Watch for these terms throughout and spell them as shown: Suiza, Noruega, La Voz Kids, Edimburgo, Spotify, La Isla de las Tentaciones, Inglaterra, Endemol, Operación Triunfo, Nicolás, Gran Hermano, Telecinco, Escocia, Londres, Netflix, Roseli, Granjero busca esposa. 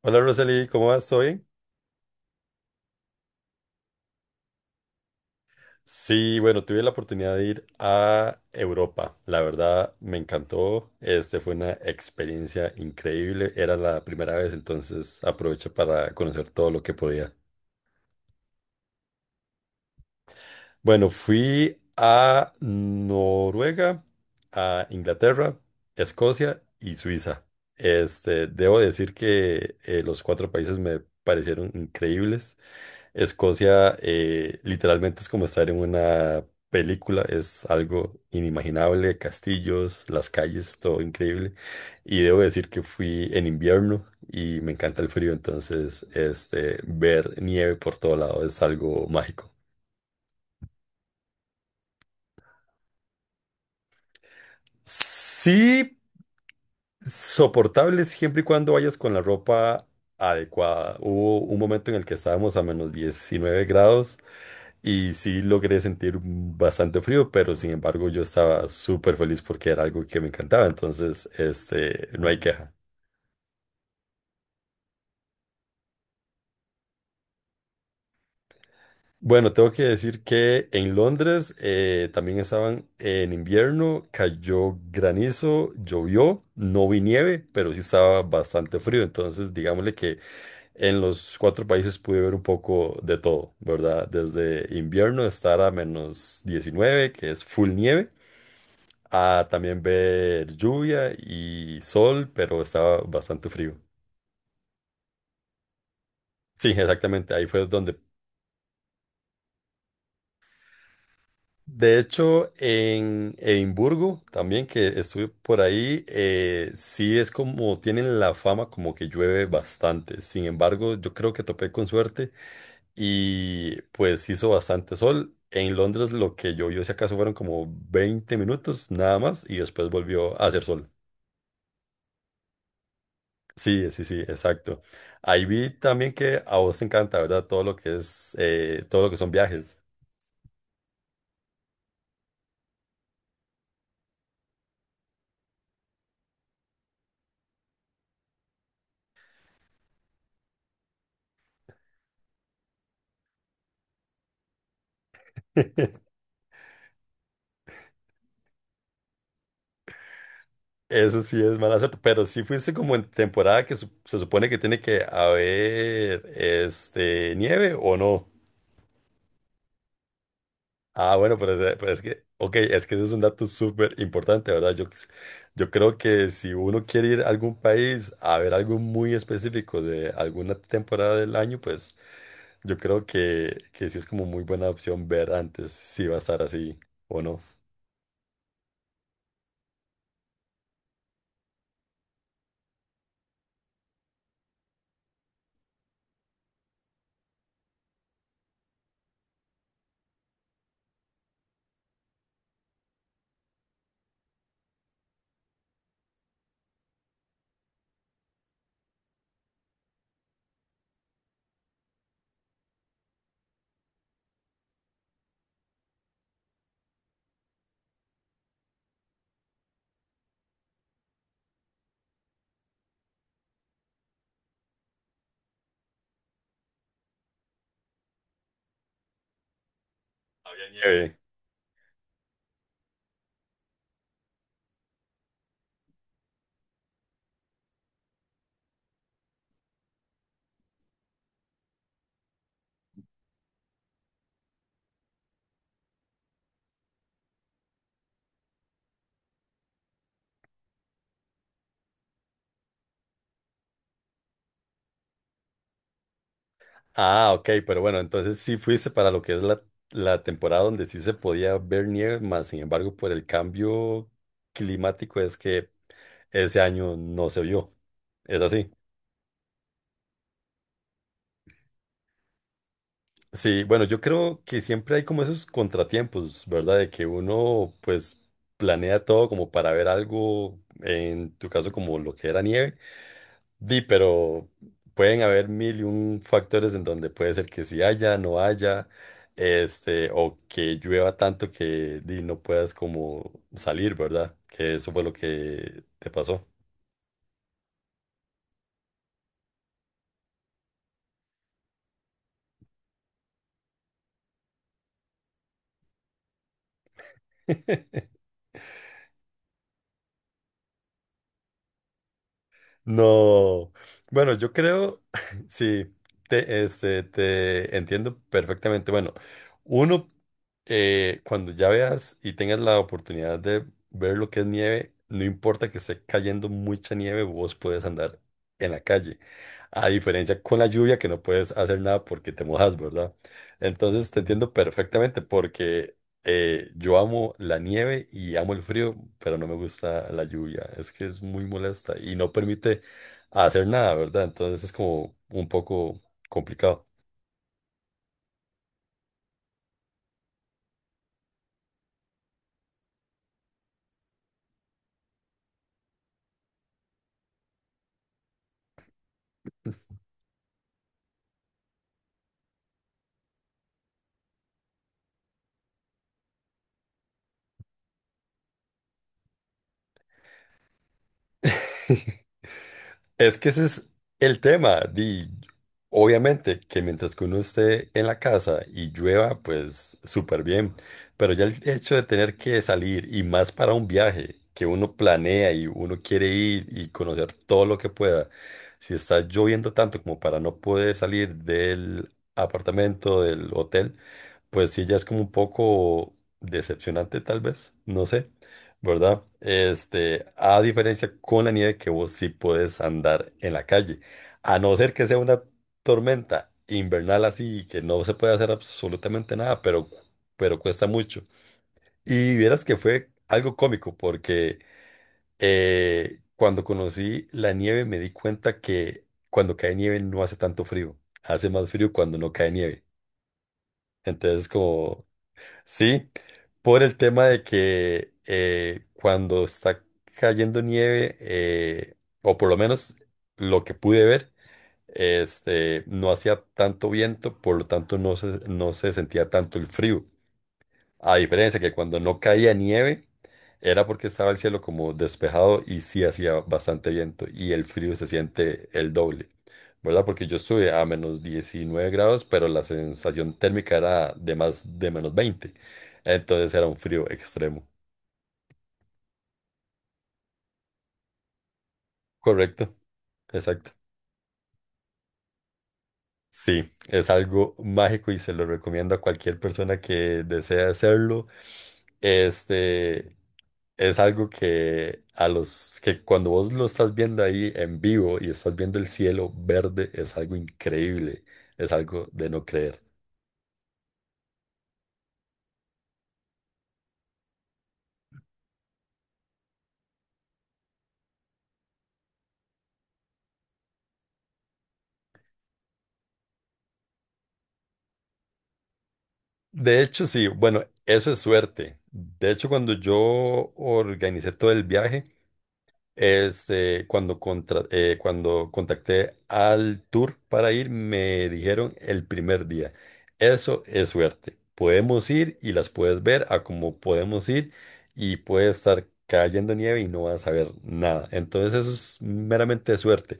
Hola Roseli, ¿cómo vas? ¿Todo bien? Sí, bueno, tuve la oportunidad de ir a Europa. La verdad, me encantó. Este fue una experiencia increíble. Era la primera vez, entonces aproveché para conocer todo lo que podía. Bueno, fui a Noruega, a Inglaterra, Escocia y Suiza. Este, debo decir que los cuatro países me parecieron increíbles. Escocia, literalmente es como estar en una película, es algo inimaginable, castillos, las calles, todo increíble. Y debo decir que fui en invierno y me encanta el frío, entonces este, ver nieve por todo lado es algo mágico. Sí, soportable siempre y cuando vayas con la ropa adecuada. Hubo un momento en el que estábamos a menos 19 grados y sí logré sentir bastante frío, pero sin embargo yo estaba súper feliz porque era algo que me encantaba, entonces este, no hay queja. Bueno, tengo que decir que en Londres, también estaban en invierno, cayó granizo, llovió, no vi nieve, pero sí estaba bastante frío, entonces digámosle que en los cuatro países pude ver un poco de todo, ¿verdad? Desde invierno, estar a menos 19, que es full nieve, a también ver lluvia y sol, pero estaba bastante frío. Sí, exactamente, ahí fue donde… De hecho, en Edimburgo, también que estuve por ahí, sí es como, tienen la fama como que llueve bastante. Sin embargo, yo creo que topé con suerte y pues hizo bastante sol. En Londres lo que llovió, si acaso, fueron como 20 minutos nada más y después volvió a hacer sol. Sí, sí, sí, exacto. Ahí vi también que a vos te encanta, ¿verdad? Todo lo que es, todo lo que son viajes. Eso sí es mala suerte, pero sí fuiste como en temporada que se supone que tiene que haber este nieve o no. Ah, bueno, pero es que, ok, es que eso es un dato súper importante, ¿verdad? Yo creo que si uno quiere ir a algún país a ver algo muy específico de alguna temporada del año, pues yo creo que sí es como muy buena opción ver antes si va a estar así o no. Había nieve. Ah, ok, pero bueno, entonces sí fuiste para lo que es la temporada donde sí se podía ver nieve, más sin embargo, por el cambio climático es que ese año no se vio. ¿Es así? Sí, bueno, yo creo que siempre hay como esos contratiempos, ¿verdad? De que uno pues planea todo como para ver algo, en tu caso como lo que era nieve, di, pero pueden haber mil y un factores en donde puede ser que sí haya, no haya, este, o que llueva tanto que di, no puedas como salir, ¿verdad? Que eso fue lo que te pasó. No. Bueno, yo creo, sí, este, te entiendo perfectamente. Bueno, uno, cuando ya veas y tengas la oportunidad de ver lo que es nieve, no importa que esté cayendo mucha nieve, vos puedes andar en la calle. A diferencia con la lluvia, que no puedes hacer nada porque te mojas, ¿verdad? Entonces te entiendo perfectamente porque yo amo la nieve y amo el frío, pero no me gusta la lluvia. Es que es muy molesta y no permite hacer nada, ¿verdad? Entonces es como un poco complicado. Es que ese es el tema. Di, obviamente que mientras que uno esté en la casa y llueva, pues súper bien. Pero ya el hecho de tener que salir y más para un viaje que uno planea y uno quiere ir y conocer todo lo que pueda, si está lloviendo tanto como para no poder salir del apartamento, del hotel, pues sí, ya es como un poco decepcionante tal vez. No sé, ¿verdad? Este, a diferencia con la nieve que vos sí puedes andar en la calle. A no ser que sea una tormenta invernal así que no se puede hacer absolutamente nada, pero cuesta mucho. Y vieras que fue algo cómico porque cuando conocí la nieve me di cuenta que cuando cae nieve no hace tanto frío, hace más frío cuando no cae nieve. Entonces como sí, por el tema de que cuando está cayendo nieve, o por lo menos lo que pude ver, este, no hacía tanto viento, por lo tanto no se sentía tanto el frío. A diferencia que cuando no caía nieve, era porque estaba el cielo como despejado y sí hacía bastante viento y el frío se siente el doble, ¿verdad? Porque yo estuve a menos 19 grados, pero la sensación térmica era de más de menos veinte. Entonces era un frío extremo. Correcto, exacto. Sí, es algo mágico y se lo recomiendo a cualquier persona que desea hacerlo. Este, es algo que a los que cuando vos lo estás viendo ahí en vivo y estás viendo el cielo verde es algo increíble, es algo de no creer. De hecho, sí, bueno, eso es suerte. De hecho, cuando yo organicé todo el viaje, este, cuando contacté al tour para ir, me dijeron el primer día, eso es suerte, podemos ir y las puedes ver a como podemos ir y puede estar cayendo nieve y no vas a ver nada. Entonces eso es meramente suerte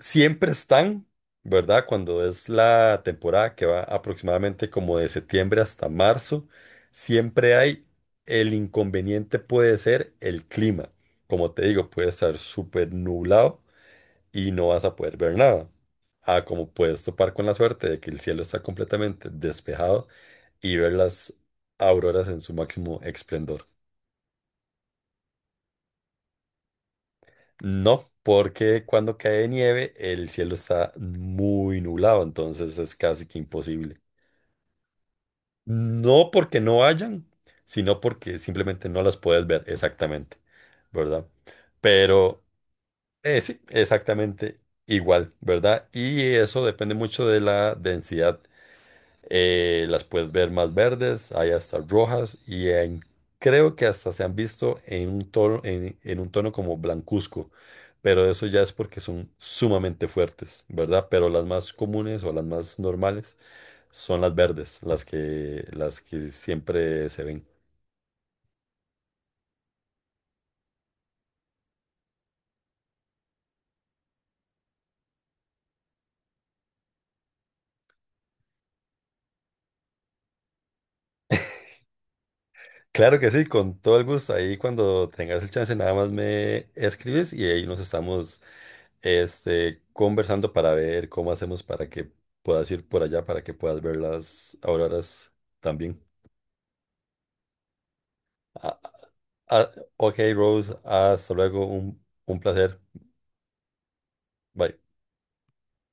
siempre están, ¿verdad? Cuando es la temporada que va aproximadamente como de septiembre hasta marzo, siempre hay el inconveniente puede ser el clima. Como te digo, puede estar súper nublado y no vas a poder ver nada. Ah, como puedes topar con la suerte de que el cielo está completamente despejado y ver las auroras en su máximo esplendor. No, porque cuando cae nieve el cielo está muy nublado, entonces es casi que imposible. No porque no hayan, sino porque simplemente no las puedes ver exactamente, ¿verdad? Pero sí, exactamente igual, ¿verdad? Y eso depende mucho de la densidad. Las puedes ver más verdes, hay hasta rojas creo que hasta se han visto en un tono, en un tono como blancuzco, pero eso ya es porque son sumamente fuertes, ¿verdad? Pero las más comunes o las más normales son las verdes, las que siempre se ven. Claro que sí, con todo el gusto. Ahí cuando tengas el chance, nada más me escribes y ahí nos estamos este, conversando para ver cómo hacemos para que puedas ir por allá, para que puedas ver las auroras también. Ah, ah, ok, Rose, hasta luego, un placer. Bye.